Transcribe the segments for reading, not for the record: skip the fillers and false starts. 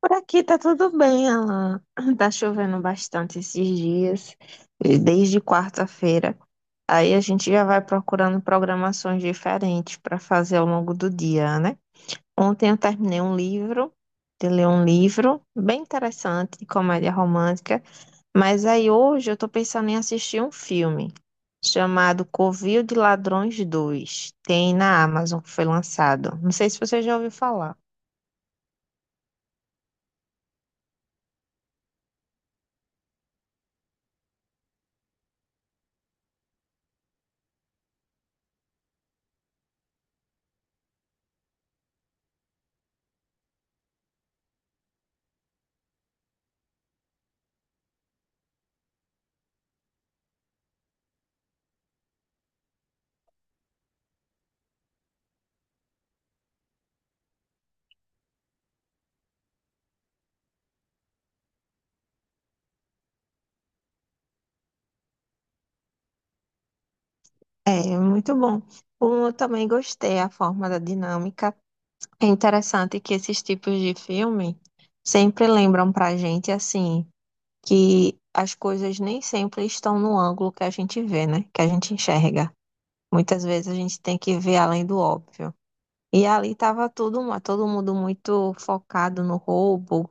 Por aqui tá tudo bem, Alan. Tá chovendo bastante esses dias, desde quarta-feira. Aí a gente já vai procurando programações diferentes para fazer ao longo do dia, né? Ontem eu terminei um livro, de ler um livro bem interessante, de comédia romântica. Mas aí hoje eu tô pensando em assistir um filme chamado Covil de Ladrões 2. Tem na Amazon que foi lançado. Não sei se você já ouviu falar. É, muito bom. Eu também gostei a forma da dinâmica. É interessante que esses tipos de filme sempre lembram pra gente, assim, que as coisas nem sempre estão no ângulo que a gente vê, né? Que a gente enxerga. Muitas vezes a gente tem que ver além do óbvio. E ali tava tudo, todo mundo muito focado no roubo,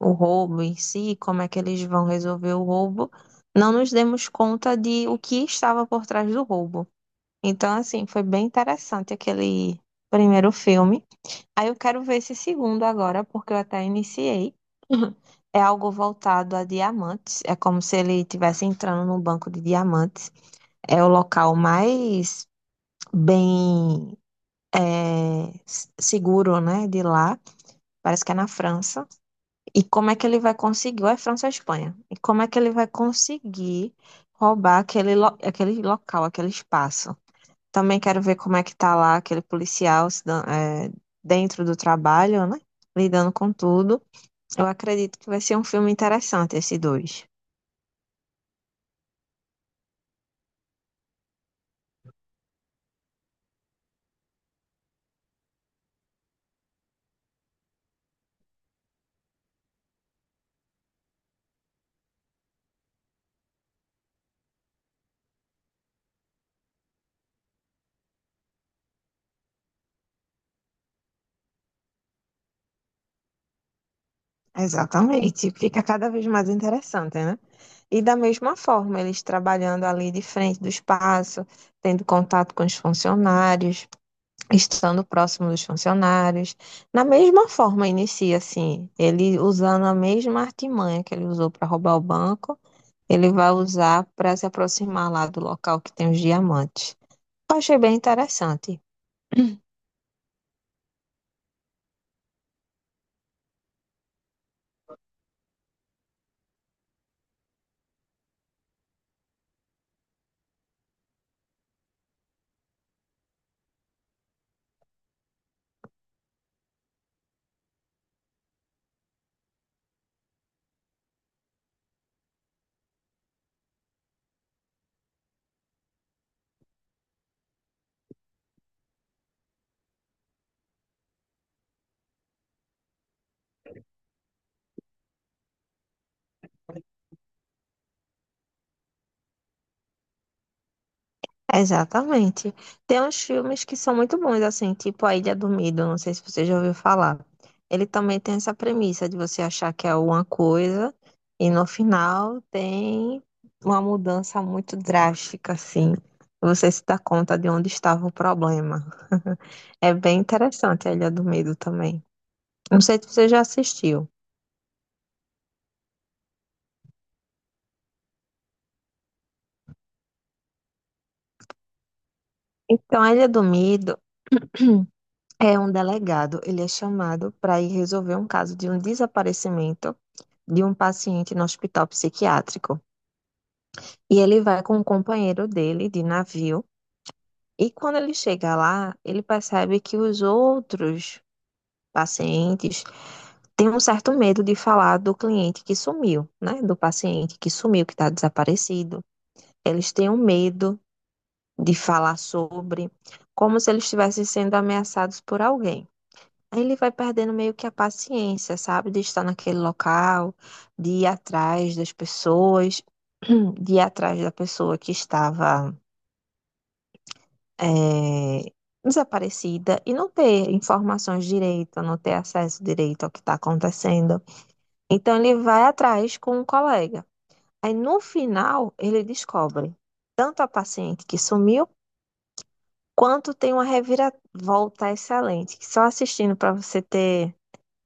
o roubo em si, como é que eles vão resolver o roubo. Não nos demos conta de o que estava por trás do roubo. Então, assim, foi bem interessante aquele primeiro filme. Aí eu quero ver esse segundo agora, porque eu até iniciei. É algo voltado a diamantes. É como se ele estivesse entrando num banco de diamantes. É o local mais bem seguro, né, de lá. Parece que é na França. E como é que ele vai conseguir? Ou é França ou Espanha? E como é que ele vai conseguir roubar aquele local, aquele espaço? Também quero ver como é que tá lá aquele policial se dan- é, dentro do trabalho, né? Lidando com tudo. Eu acredito que vai ser um filme interessante, esse dois. Exatamente. Fica cada vez mais interessante, né? E da mesma forma, eles trabalhando ali de frente do espaço, tendo contato com os funcionários, estando próximo dos funcionários. Na mesma forma, inicia assim, ele usando a mesma artimanha que ele usou para roubar o banco, ele vai usar para se aproximar lá do local que tem os diamantes. Eu achei bem interessante. Exatamente. Tem uns filmes que são muito bons, assim, tipo A Ilha do Medo, não sei se você já ouviu falar. Ele também tem essa premissa de você achar que é uma coisa e no final tem uma mudança muito drástica, assim. Você se dá conta de onde estava o problema. É bem interessante a Ilha do Medo também. Não sei se você já assistiu. Então, a Ilha do Medo é um delegado, ele é chamado para ir resolver um caso de um desaparecimento de um paciente no hospital psiquiátrico. E ele vai com um companheiro dele de navio. E quando ele chega lá, ele percebe que os outros pacientes têm um certo medo de falar do cliente que sumiu, né? Do paciente que sumiu, que está desaparecido. Eles têm um medo de falar sobre, como se eles estivessem sendo ameaçados por alguém. Ele vai perdendo meio que a paciência, sabe? De estar naquele local, de ir atrás das pessoas, de ir atrás da pessoa que estava eh, desaparecida e não ter informações direito, não ter acesso direito ao que está acontecendo. Então, ele vai atrás com um colega. Aí, no final, ele descobre tanto a paciente que sumiu, quanto tem uma reviravolta excelente, que só assistindo para você ter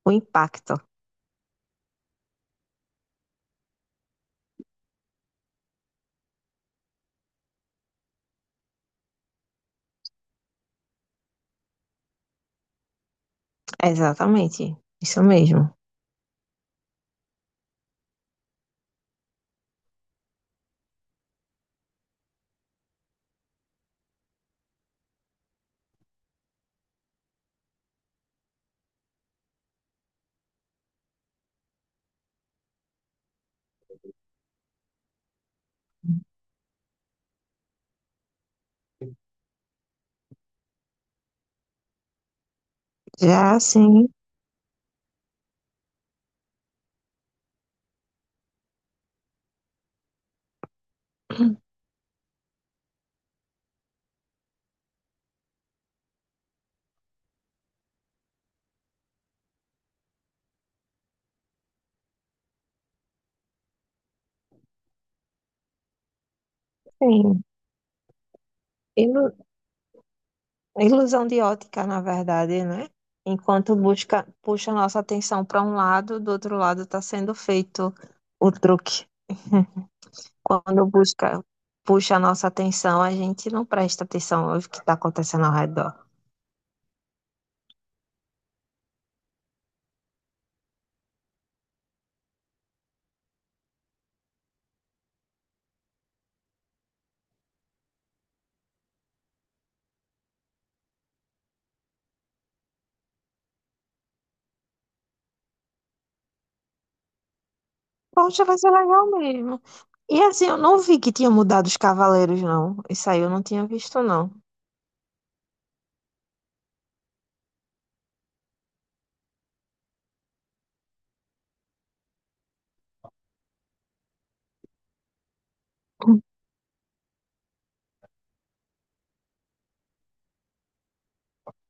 o impacto. Exatamente, isso mesmo. Já assim, sim. Ilu- Ilusão de ótica, na verdade, né? Enquanto busca, puxa nossa atenção para um lado, do outro lado está sendo feito o truque. Quando busca, puxa a nossa atenção, a gente não presta atenção no que está acontecendo ao redor. Poxa, vai ser legal mesmo. E assim, eu não vi que tinha mudado os cavaleiros, não. Isso aí eu não tinha visto, não.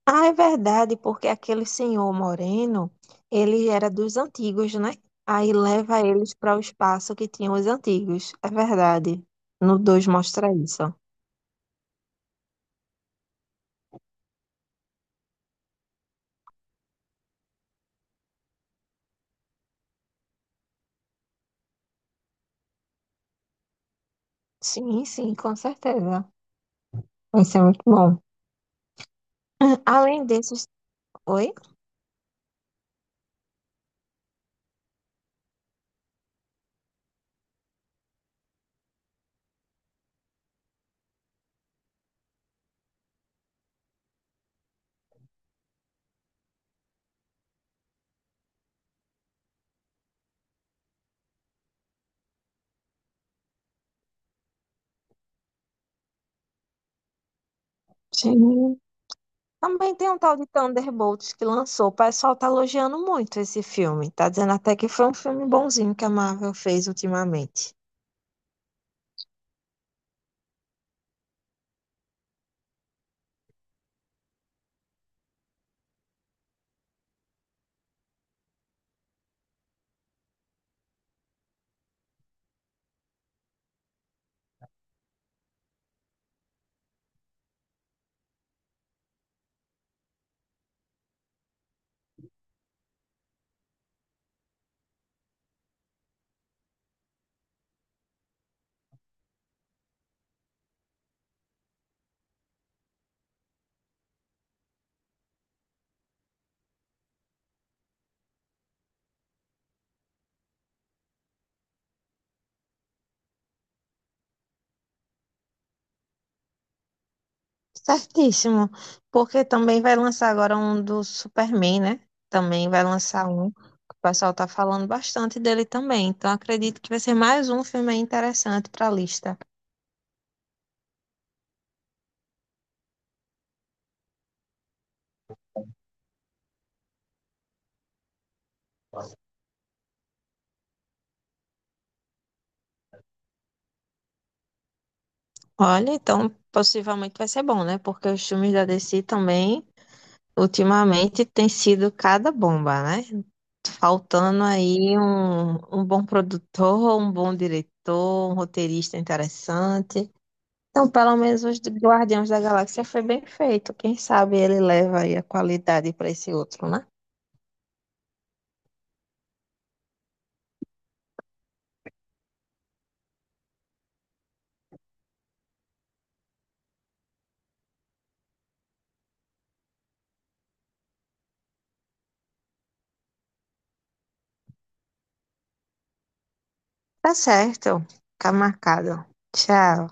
Ah, é verdade, porque aquele senhor moreno, ele era dos antigos, né? Aí leva eles para o espaço que tinham os antigos. É verdade. No 2 mostra isso. Sim, sim, com certeza. Vai ser muito bom. Além desses. Oi? Sim. Também tem um tal de Thunderbolts que lançou. O pessoal tá elogiando muito esse filme. Tá dizendo até que foi um filme bonzinho que a Marvel fez ultimamente. Certíssimo. Porque também vai lançar agora um do Superman, né? Também vai lançar um. O pessoal tá falando bastante dele também. Então acredito que vai ser mais um filme aí interessante pra lista. Olha, então possivelmente vai ser bom, né? Porque os filmes da DC também. Ultimamente tem sido cada bomba, né? Faltando aí um bom produtor, um bom diretor, um roteirista interessante. Então, pelo menos os de Guardiões da Galáxia foi bem feito. Quem sabe ele leva aí a qualidade para esse outro, né? Tá certo. Tá marcado. Tchau.